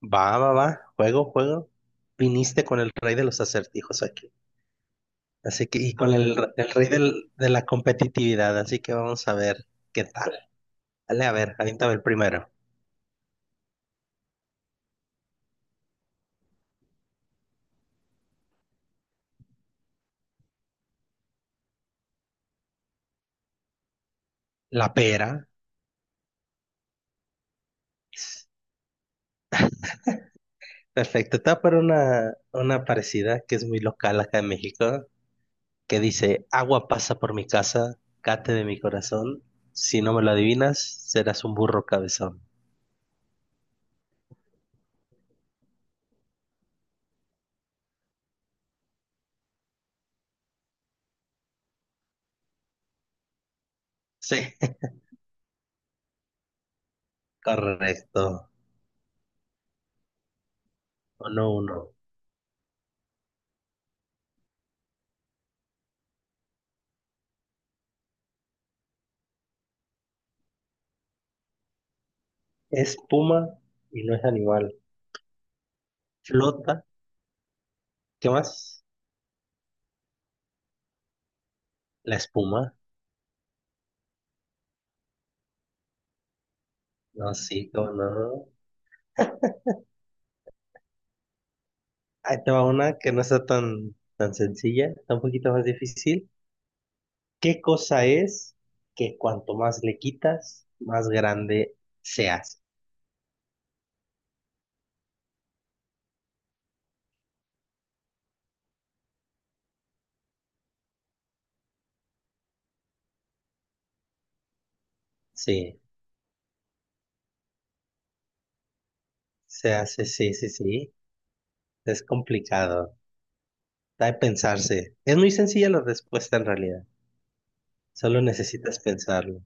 Va, va, va, juego, juego. Viniste con el rey de los acertijos aquí. Así que, y con el rey de la competitividad, así que vamos a ver qué tal. Dale, a ver, avíntame el primero. La pera. Perfecto, te voy a poner una parecida que es muy local acá en México, que dice, agua pasa por mi casa, cate de mi corazón, si no me lo adivinas, serás un burro cabezón. Sí, correcto, uno, uno. Es puma y no es animal, flota. ¿Qué más? La espuma. No, sí, cómo no. Ahí te va una que no está tan, tan sencilla, está un poquito más difícil. ¿Qué cosa es que cuanto más le quitas, más grande se hace? Sí, se hace, sí, sí, sí. Es complicado. Da de pensarse. Es muy sencilla la respuesta en realidad. Solo necesitas pensarlo.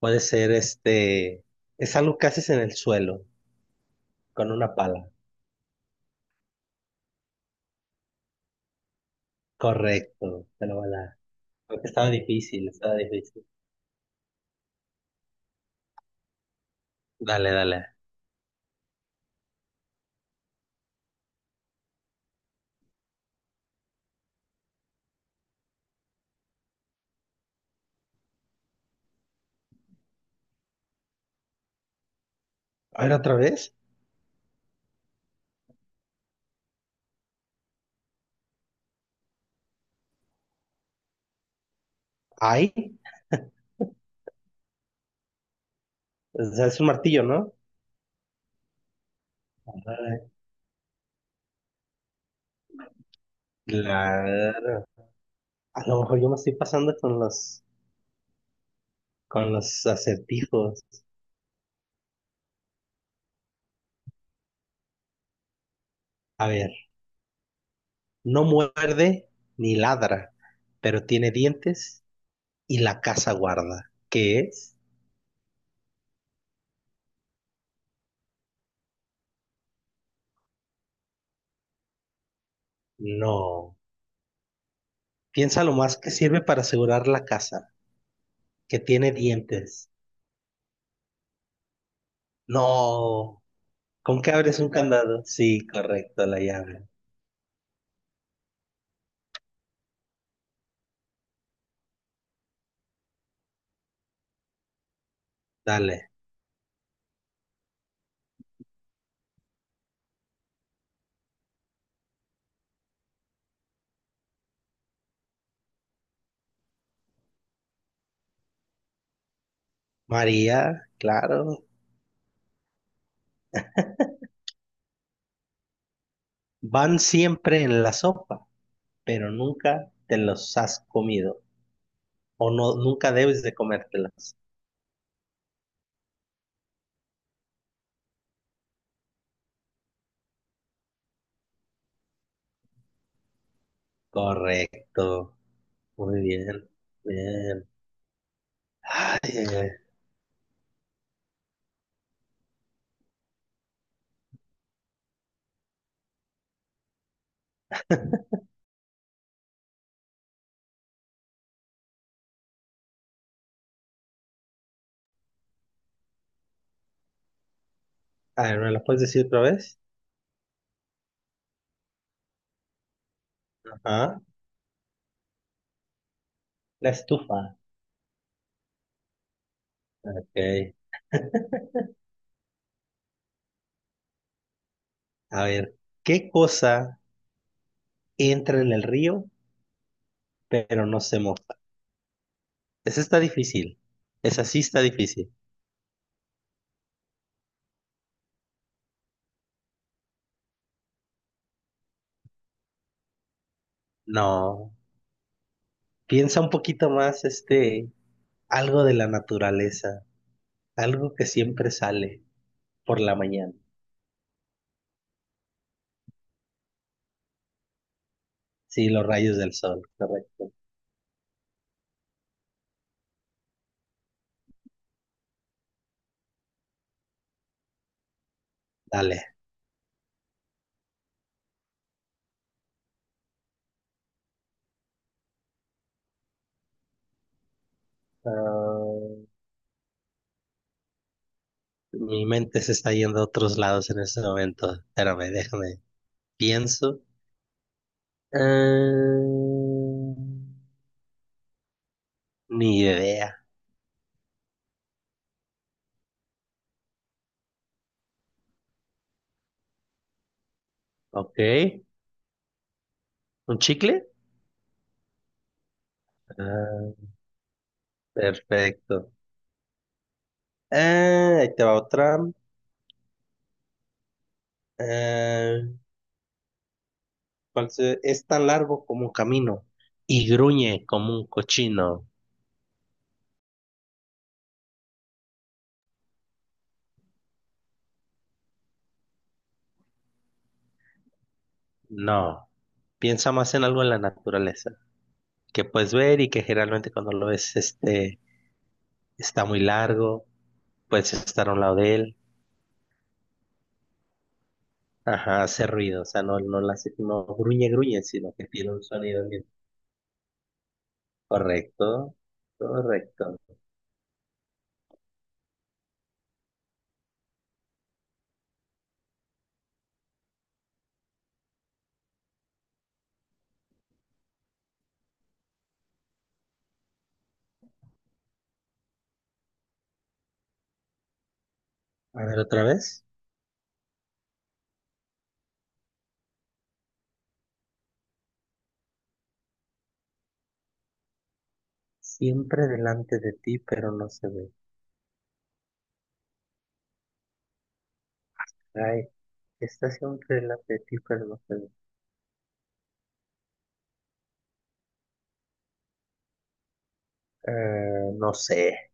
Puede ser este. Es algo que haces en el suelo, con una pala. Correcto, te lo voy a dar. Porque estaba difícil, estaba difícil. Dale, dale. A ver, otra vez. Ay, o sea, es un martillo, ¿no? Ay, claro. A lo mejor yo me estoy pasando con los acertijos. A ver, no muerde ni ladra, pero tiene dientes y la casa guarda. ¿Qué es? No. Piensa lo más que sirve para asegurar la casa, que tiene dientes. No. ¿Con qué abres un candado? Sí, correcto, la llave. Dale. María, claro. Van siempre en la sopa, pero nunca te los has comido o no, nunca debes de comértelas. Correcto. Muy bien. Bien. Ay, ay, ay. A ver, ¿me lo puedes decir otra vez? Ajá. La estufa. Ok. A ver, ¿qué cosa entra en el río pero no se moja? Esa está difícil. Esa sí está difícil. No. Piensa un poquito más, este, algo de la naturaleza, algo que siempre sale por la mañana. Sí, los rayos del sol, correcto. Dale. Ah, mi mente se está yendo a otros lados en este momento. Espérame, déjame. Pienso. Ah, ni idea. Ok. ¿Un chicle? Ah, perfecto. Ah, ahí te va otra. Ah, Es tan largo como un camino y gruñe como un cochino. No. Piensa más en algo en la naturaleza que puedes ver y que generalmente cuando lo ves, este, está muy largo, puedes estar a un lado de él, ajá, hace ruido, o sea, no, no, la, no gruñe, gruñe, sino que tiene un sonido bien. Correcto, correcto. A ver, otra vez. Siempre delante de ti, pero no se ve. Ay, está siempre delante de ti, pero no se ve. No sé,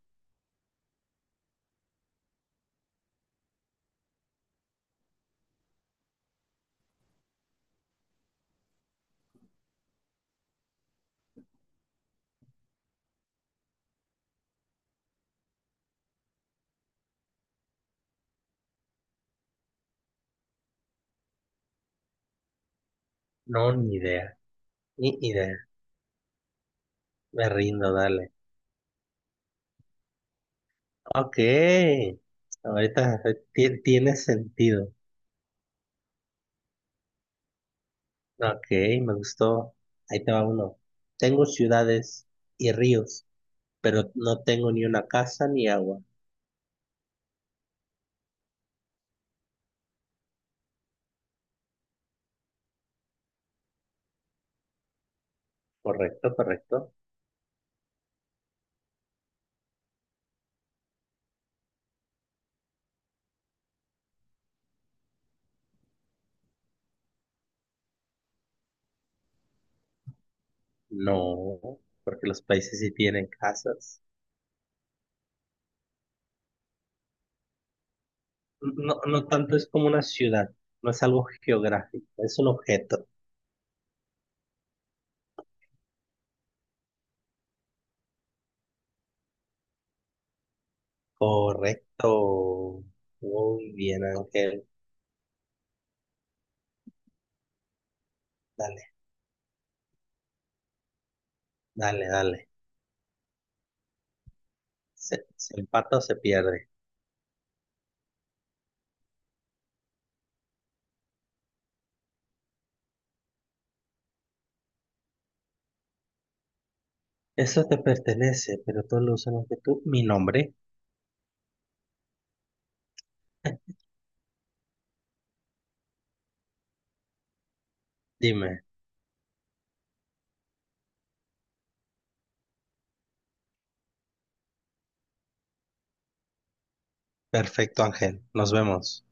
no, ni idea, ni idea. Me rindo, dale. Ok, ahorita tiene sentido. Ok, me gustó. Ahí te va uno. Tengo ciudades y ríos, pero no tengo ni una casa ni agua. Correcto, correcto. No, porque los países sí tienen casas. No, no tanto es como una ciudad, no es algo geográfico, es un objeto. Correcto. Muy bien, Ángel. Dale, dale, dale. Se empata o se pierde. Eso te pertenece, pero todos lo usamos que tú. Mi nombre, dime. Perfecto Ángel, nos vemos.